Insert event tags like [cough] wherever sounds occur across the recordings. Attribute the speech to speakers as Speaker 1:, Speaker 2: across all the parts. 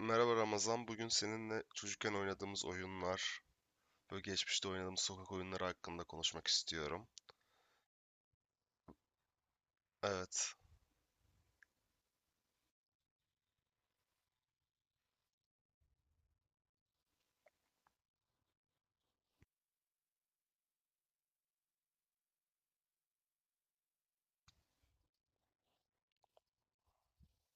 Speaker 1: Merhaba Ramazan, bugün seninle çocukken oynadığımız oyunlar ve geçmişte oynadığımız sokak oyunları hakkında konuşmak istiyorum. Evet,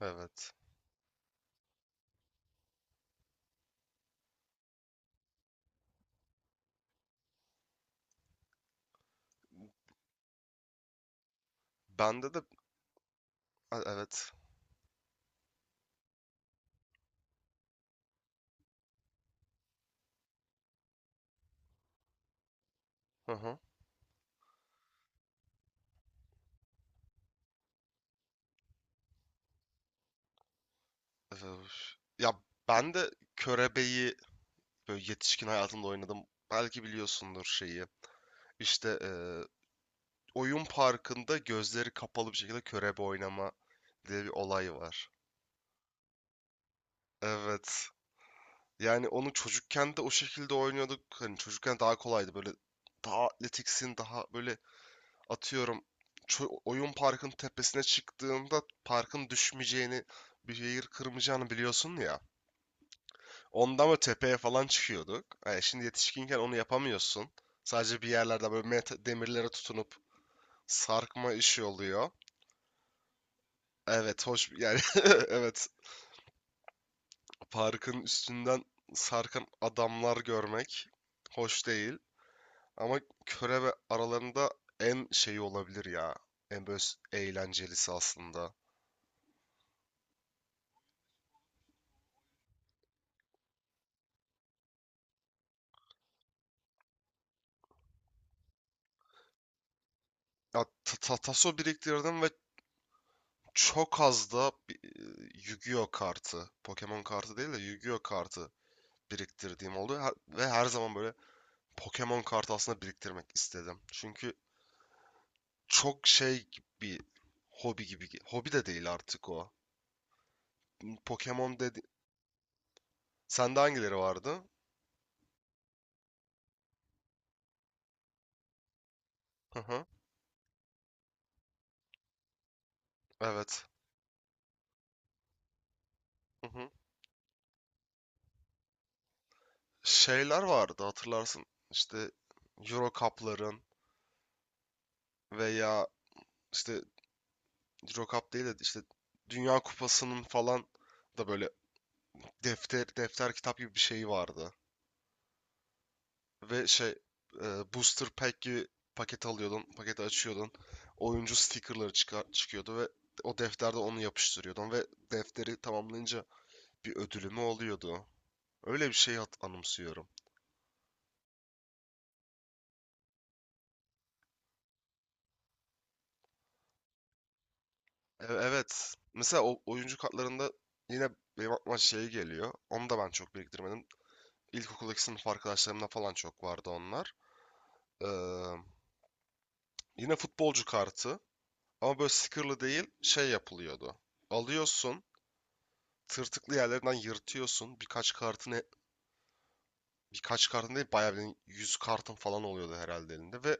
Speaker 1: evet. Bende de, evet, hı hı. Öf. Ya ben de Körebe'yi böyle yetişkin hayatımda oynadım. Belki biliyorsundur şeyi. İşte, oyun parkında gözleri kapalı bir şekilde körebe oynama diye bir olay var. Evet. Yani onu çocukken de o şekilde oynuyorduk. Hani çocukken daha kolaydı, böyle daha atletiksin, daha böyle, atıyorum, oyun parkın tepesine çıktığında parkın düşmeyeceğini, bir yer kırmayacağını biliyorsun ya. Ondan mı tepeye falan çıkıyorduk. Yani şimdi yetişkinken onu yapamıyorsun. Sadece bir yerlerde böyle demirlere tutunup sarkma işi oluyor. Evet, hoş yani. [laughs] Evet, parkın üstünden sarkan adamlar görmek hoş değil. Ama körebe aralarında en şeyi olabilir ya. En böyle eğlencelisi aslında. Ya taso biriktirdim ve çok az da Yu-Gi-Oh kartı. Pokemon kartı değil de Yu-Gi-Oh kartı biriktirdiğim oldu. Ve her zaman böyle Pokemon kartı aslında biriktirmek istedim. Çünkü çok şey gibi, hobi gibi. Hobi de değil artık o. Pokemon dedi. Sende hangileri vardı? Hı hı. Evet. Hı hı. Şeyler vardı hatırlarsın. İşte Euro Cup'ların veya işte Euro Cup değil de işte Dünya Kupası'nın falan da böyle defter defter kitap gibi bir şeyi vardı. Ve şey e, booster pack gibi paket alıyordun, paketi açıyordun. Oyuncu stickerları çıkıyordu ve o defterde onu yapıştırıyordun ve defteri tamamlayınca bir ödülü mü oluyordu? Öyle bir şey anımsıyorum. Evet. Mesela o oyuncu kartlarında yine benim aklıma şey geliyor. Onu da ben çok biriktirmedim. İlkokuldaki sınıf arkadaşlarımda falan çok vardı onlar. Ee, Yine futbolcu kartı. Ama böyle stickerlı değil, şey yapılıyordu. Alıyorsun. Tırtıklı yerlerinden yırtıyorsun. Birkaç kartın değil, bayağı bir 100 kartın falan oluyordu herhalde elinde. Ve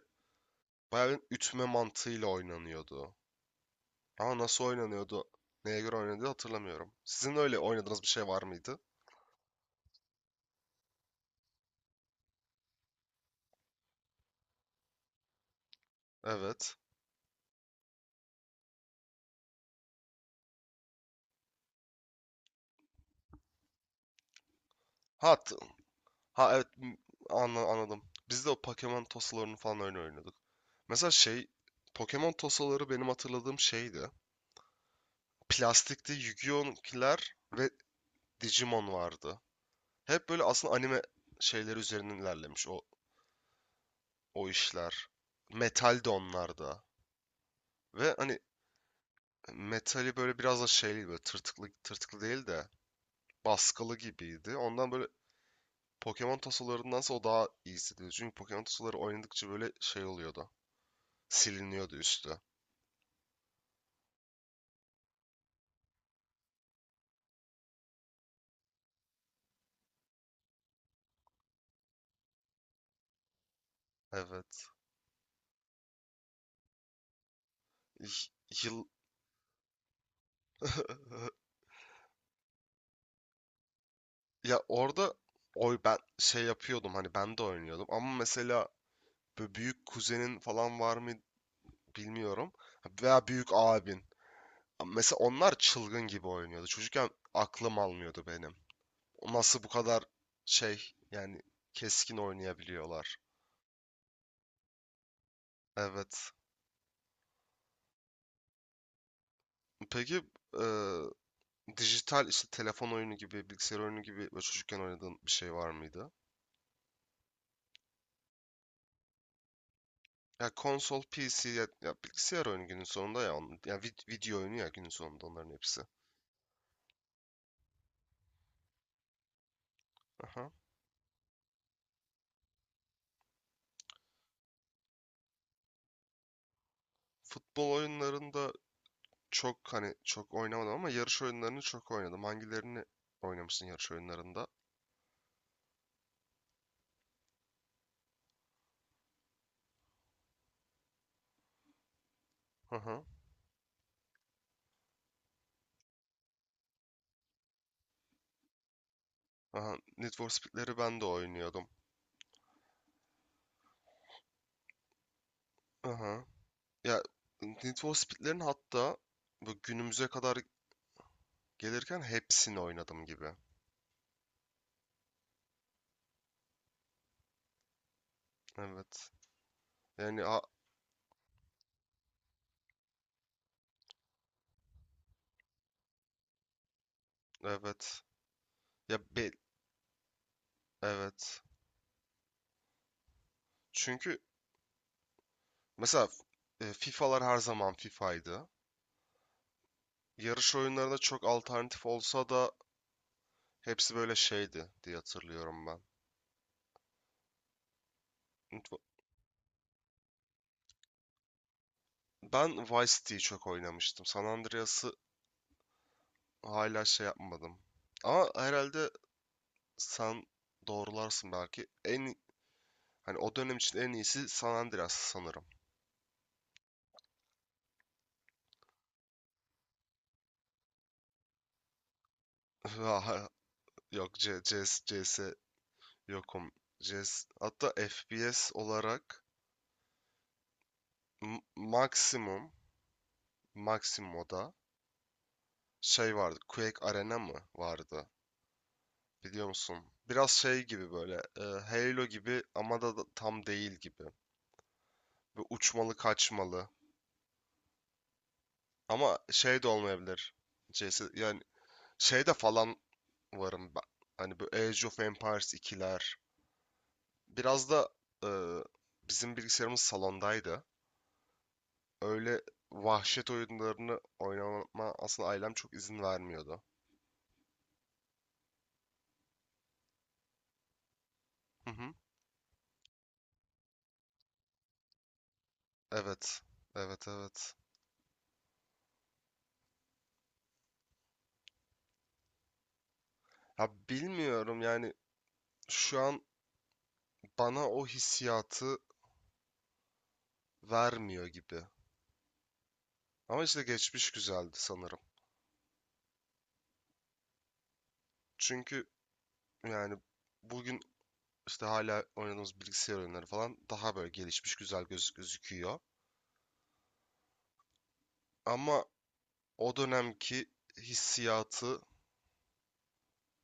Speaker 1: bayağı bir ütme mantığıyla oynanıyordu. Ama nasıl oynanıyordu? Neye göre oynanıyordu hatırlamıyorum. Sizin öyle oynadığınız bir şey var mıydı? Evet. Ha, ha, evet, anladım. Biz de o Pokemon tosalarını falan öyle oynuyorduk. Mesela şey, Pokemon tosaları benim hatırladığım şeydi. Plastikte Yu-Gi-Oh'kiler ve Digimon vardı. Hep böyle aslında anime şeyleri üzerinden ilerlemiş o işler. Metal de onlarda. Ve hani metali böyle biraz da şeyli, böyle tırtıklı tırtıklı değil de baskılı gibiydi. Ondan böyle Pokemon tosalarındansa o daha iyi hissediyordu. Çünkü Pokemon tosaları oynadıkça böyle şey oluyordu. Siliniyordu üstü. Evet. Y- Yıl. [laughs] Ya orada, ben şey yapıyordum, hani ben de oynuyordum ama mesela böyle büyük kuzenin falan var mı bilmiyorum veya büyük abin. Mesela onlar çılgın gibi oynuyordu. Çocukken aklım almıyordu benim. Nasıl bu kadar şey, yani keskin oynayabiliyorlar. Evet. Peki e, dijital işte telefon oyunu gibi, bilgisayar oyunu gibi böyle çocukken oynadığın bir şey var mıydı? Ya konsol, PC ya, bilgisayar oyunu günün sonunda ya. Ya video oyunu ya günün sonunda onların hepsi. Aha. Futbol oyunlarında çok, hani çok oynamadım ama yarış oyunlarını çok oynadım. Hangilerini oynamışsın yarış oyunlarında? Aha. Aha. Need for Speed'leri ben de oynuyordum. Aha. Ya, Need for Speed'lerin hatta bu günümüze kadar gelirken hepsini oynadım gibi. Evet. Yani, evet. Ya be, evet. Çünkü mesela, FIFA'lar her zaman FIFA'ydı. Yarış oyunlarında çok alternatif olsa da hepsi böyle şeydi diye hatırlıyorum ben. Ben Vice City'yi çok oynamıştım. San Andreas'ı hala şey yapmadım. Ama herhalde sen doğrularsın belki. Hani o dönem için en iyisi San Andreas sanırım. [laughs] Yok, CS, yokum. C S. Hatta FPS olarak m- maksimum maksimum o da şey vardı. Quake Arena mı vardı? Biliyor musun? Biraz şey gibi, böyle, Halo gibi ama da tam değil gibi. Ve uçmalı kaçmalı. Ama şey de olmayabilir. CS, yani şeyde falan varım ben. Hani bu Age of Empires ikiler, biraz da e, bizim bilgisayarımız salondaydı. Öyle vahşet oyunlarını oynama aslında ailem çok izin vermiyordu. Hı hı. Evet. Evet, evet. Ya bilmiyorum yani, şu an bana o hissiyatı vermiyor gibi. Ama işte geçmiş güzeldi sanırım. Çünkü yani bugün işte hala oynadığımız bilgisayar oyunları falan daha böyle gelişmiş, güzel gözüküyor. Ama o dönemki hissiyatı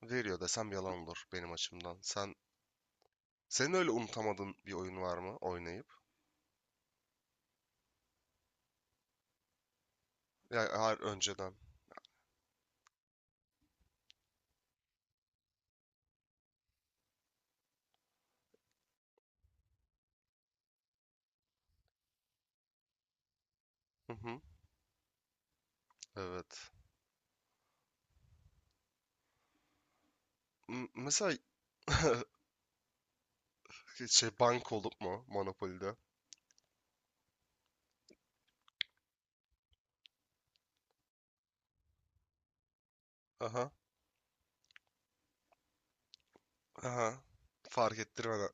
Speaker 1: veriyor desem yalan olur benim açımdan. Senin öyle unutamadığın bir oyun var mı oynayıp? Ya hayır, önceden. Hı hı, evet. Mesela [laughs] şey, bank olup mu Monopoly'de? Aha. Aha. Fark ettirmeden.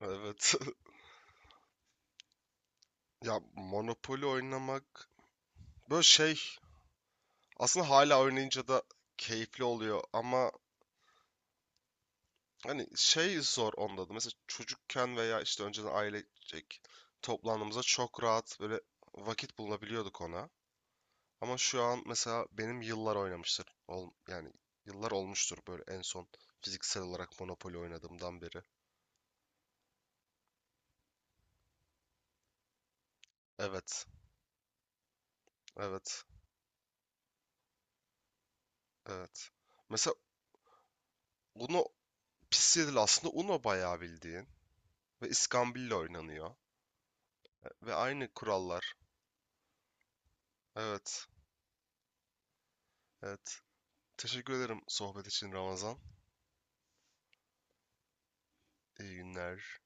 Speaker 1: Evet. [laughs] Ya Monopoly oynamak böyle şey, aslında hala oynayınca da keyifli oluyor ama hani şey zor onda da. Mesela çocukken veya işte önceden ailecek toplandığımızda çok rahat böyle vakit bulabiliyorduk ona. Ama şu an mesela benim yıllar oynamıştır. Yani yıllar olmuştur böyle en son fiziksel olarak Monopoly oynadığımdan beri. Evet. Evet. Evet. Mesela Uno pis değil, aslında Uno bayağı bildiğin ve iskambil oynanıyor. Ve aynı kurallar. Evet. Evet. Teşekkür ederim sohbet için Ramazan. İyi günler.